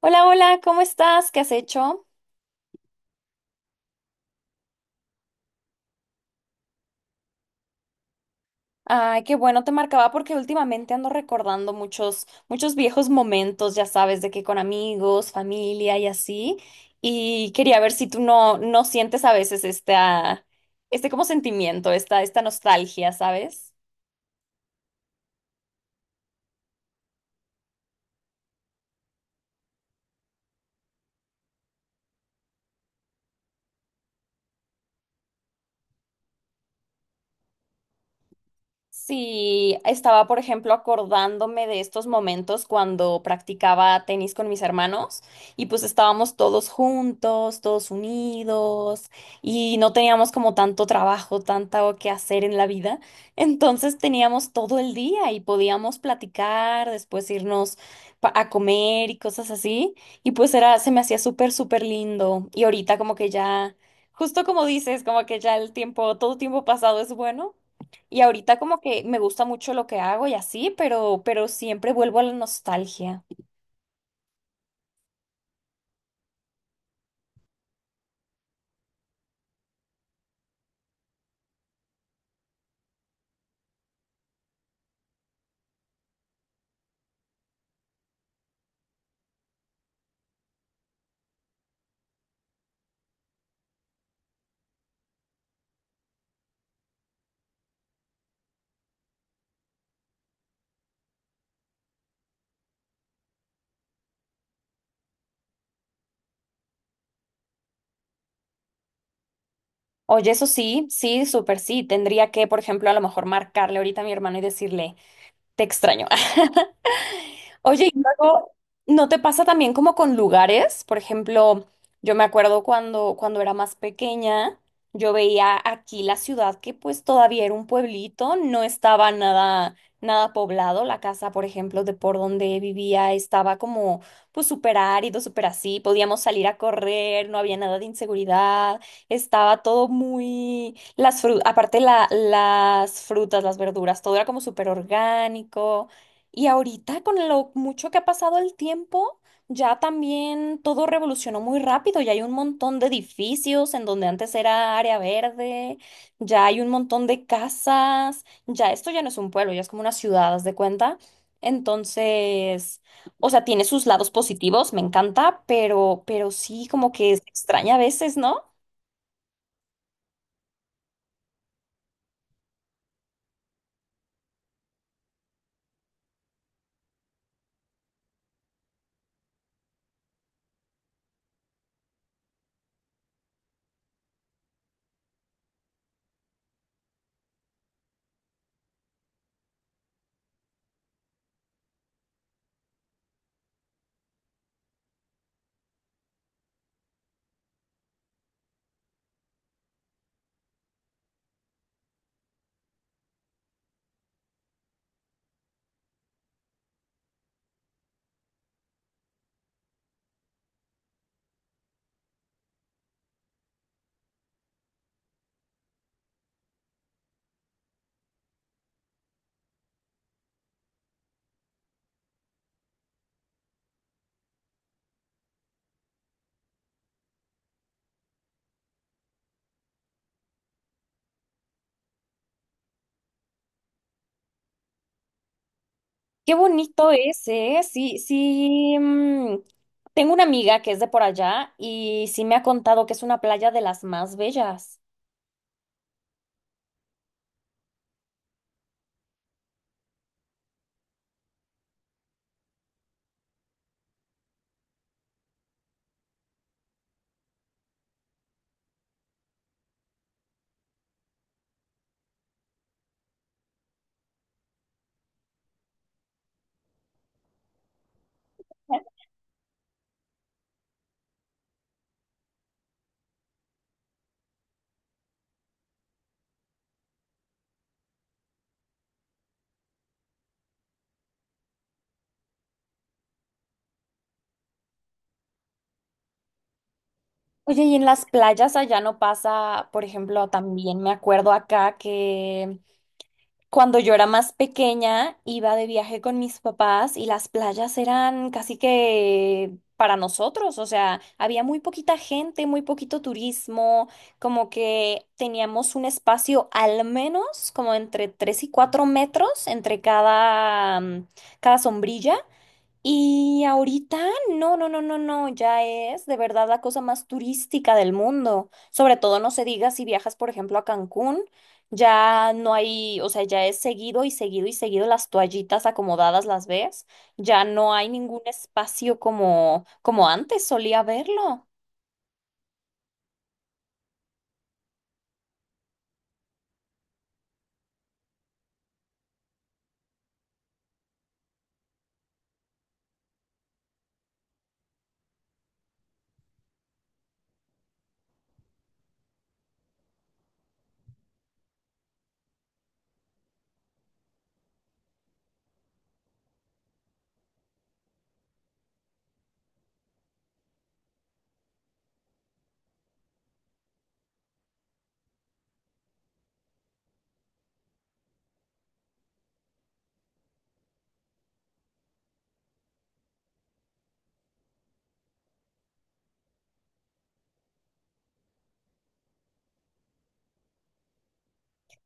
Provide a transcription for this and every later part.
Hola, hola, ¿cómo estás? ¿Qué has hecho? Ay, qué bueno, te marcaba porque últimamente ando recordando muchos viejos momentos, ya sabes, de que con amigos, familia y así. Y quería ver si tú no sientes a veces este como sentimiento, esta nostalgia, ¿sabes? Sí, estaba, por ejemplo, acordándome de estos momentos cuando practicaba tenis con mis hermanos y pues estábamos todos juntos, todos unidos y no teníamos como tanto trabajo, tanto que hacer en la vida. Entonces teníamos todo el día y podíamos platicar, después irnos a comer y cosas así. Y pues era, se me hacía súper, súper lindo. Y ahorita como que ya, justo como dices, como que ya el tiempo, todo tiempo pasado es bueno. Y ahorita como que me gusta mucho lo que hago y así, pero siempre vuelvo a la nostalgia. Oye, eso sí, sí, súper sí. Tendría que, por ejemplo, a lo mejor marcarle ahorita a mi hermano y decirle. Te extraño. Oye, y luego, ¿no te pasa también como con lugares? Por ejemplo, yo me acuerdo cuando era más pequeña, yo veía aquí la ciudad que pues todavía era un pueblito, no estaba nada poblado. La casa, por ejemplo, de por donde vivía estaba como pues súper árido, súper así. Podíamos salir a correr, no había nada de inseguridad, estaba todo muy las fru aparte las frutas, las verduras, todo era como súper orgánico. Y ahorita con lo mucho que ha pasado el tiempo, ya también todo revolucionó muy rápido. Ya hay un montón de edificios en donde antes era área verde, ya hay un montón de casas, ya esto ya no es un pueblo, ya es como una ciudad, haz de cuenta. Entonces, o sea, tiene sus lados positivos, me encanta, pero sí como que se extraña a veces, ¿no? Qué bonito es, ¿eh? Sí, sí. Tengo una amiga que es de por allá y sí me ha contado que es una playa de las más bellas. Oye, y en las playas allá no pasa, por ejemplo, también me acuerdo acá que cuando yo era más pequeña iba de viaje con mis papás y las playas eran casi que para nosotros, o sea, había muy poquita gente, muy poquito turismo, como que teníamos un espacio al menos como entre 3 y 4 metros entre cada, cada sombrilla. Y ahorita, no, no, no, no, no, ya es de verdad la cosa más turística del mundo. Sobre todo no se diga si viajas, por ejemplo, a Cancún, ya no hay, o sea, ya es seguido y seguido y seguido las toallitas acomodadas las ves, ya no hay ningún espacio como antes solía verlo.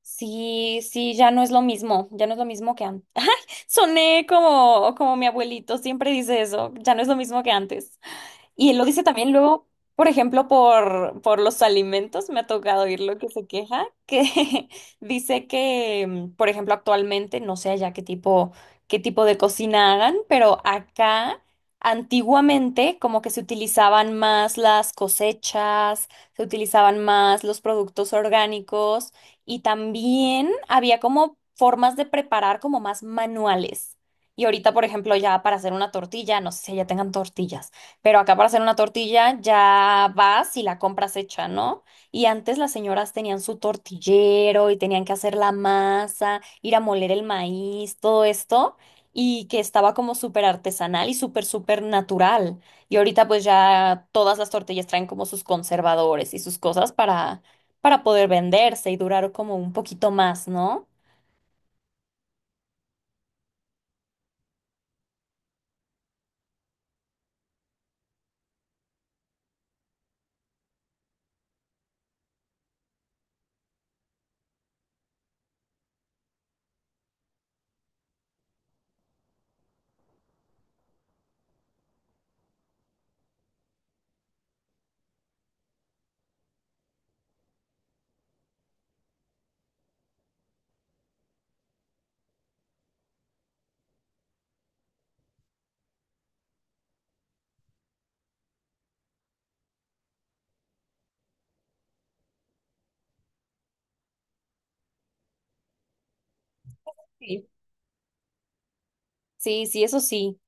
Sí, sí, ya no es lo mismo, ya no es lo mismo que antes. Soné como mi abuelito siempre dice eso, ya no es lo mismo que antes. Y lo dice también luego, por ejemplo, por los alimentos, me ha tocado oír lo que se queja, que dice que, por ejemplo, actualmente, no sé ya qué tipo de cocina hagan, pero acá antiguamente como que se utilizaban más las cosechas, se utilizaban más los productos orgánicos y también había como formas de preparar como más manuales. Y ahorita, por ejemplo, ya para hacer una tortilla, no sé si ya tengan tortillas pero acá para hacer una tortilla ya vas y la compras hecha, ¿no? Y antes las señoras tenían su tortillero y tenían que hacer la masa, ir a moler el maíz, todo esto, y que estaba como súper artesanal y súper, súper natural. Y ahorita pues ya todas las tortillas traen como sus conservadores y sus cosas para poder venderse y durar como un poquito más, ¿no? Sí. Sí, sí, eso sí.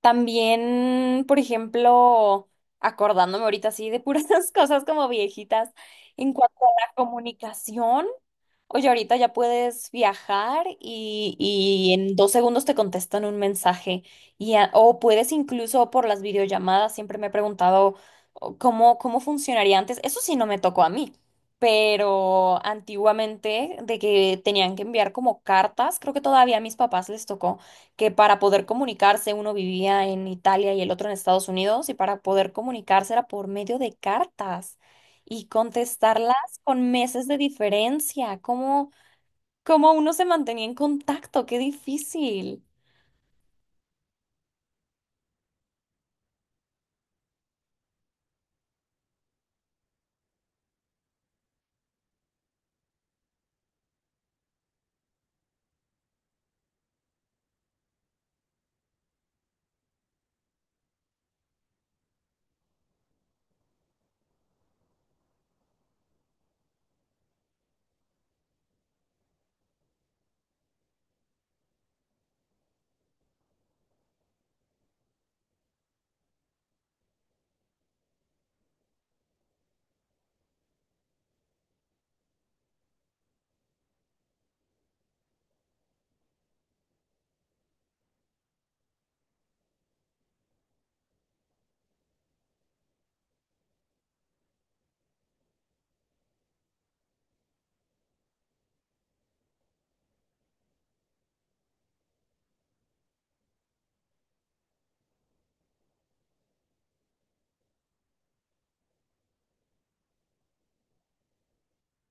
También, por ejemplo, acordándome ahorita así de puras cosas como viejitas, en cuanto a la comunicación, oye, ahorita ya puedes viajar y en dos segundos te contestan un mensaje. O puedes incluso por las videollamadas, siempre me he preguntado o, cómo funcionaría antes. Eso sí no me tocó a mí. Pero antiguamente, de que tenían que enviar como cartas, creo que todavía a mis papás les tocó que para poder comunicarse uno vivía en Italia y el otro en Estados Unidos y para poder comunicarse era por medio de cartas y contestarlas con meses de diferencia. ¿Cómo uno se mantenía en contacto? Qué difícil.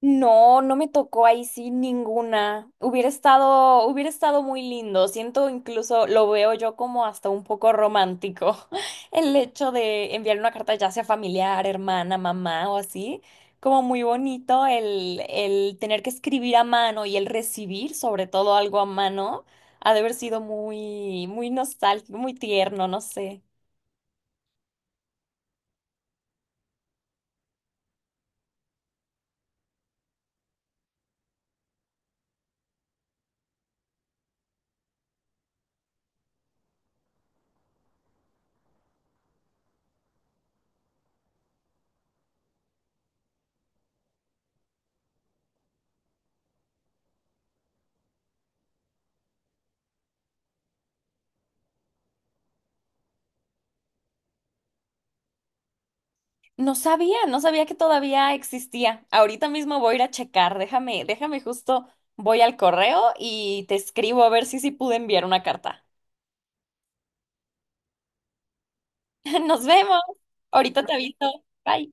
No, no me tocó ahí sí ninguna. Hubiera estado muy lindo. Siento incluso, lo veo yo como hasta un poco romántico, el hecho de enviar una carta ya sea familiar, hermana, mamá o así. Como muy bonito el tener que escribir a mano y el recibir sobre todo algo a mano, ha de haber sido muy, muy nostálgico, muy tierno, no sé. No sabía que todavía existía. Ahorita mismo voy a ir a checar. Déjame justo, voy al correo y te escribo a ver si sí pude enviar una carta. Nos vemos. Ahorita te aviso. Bye.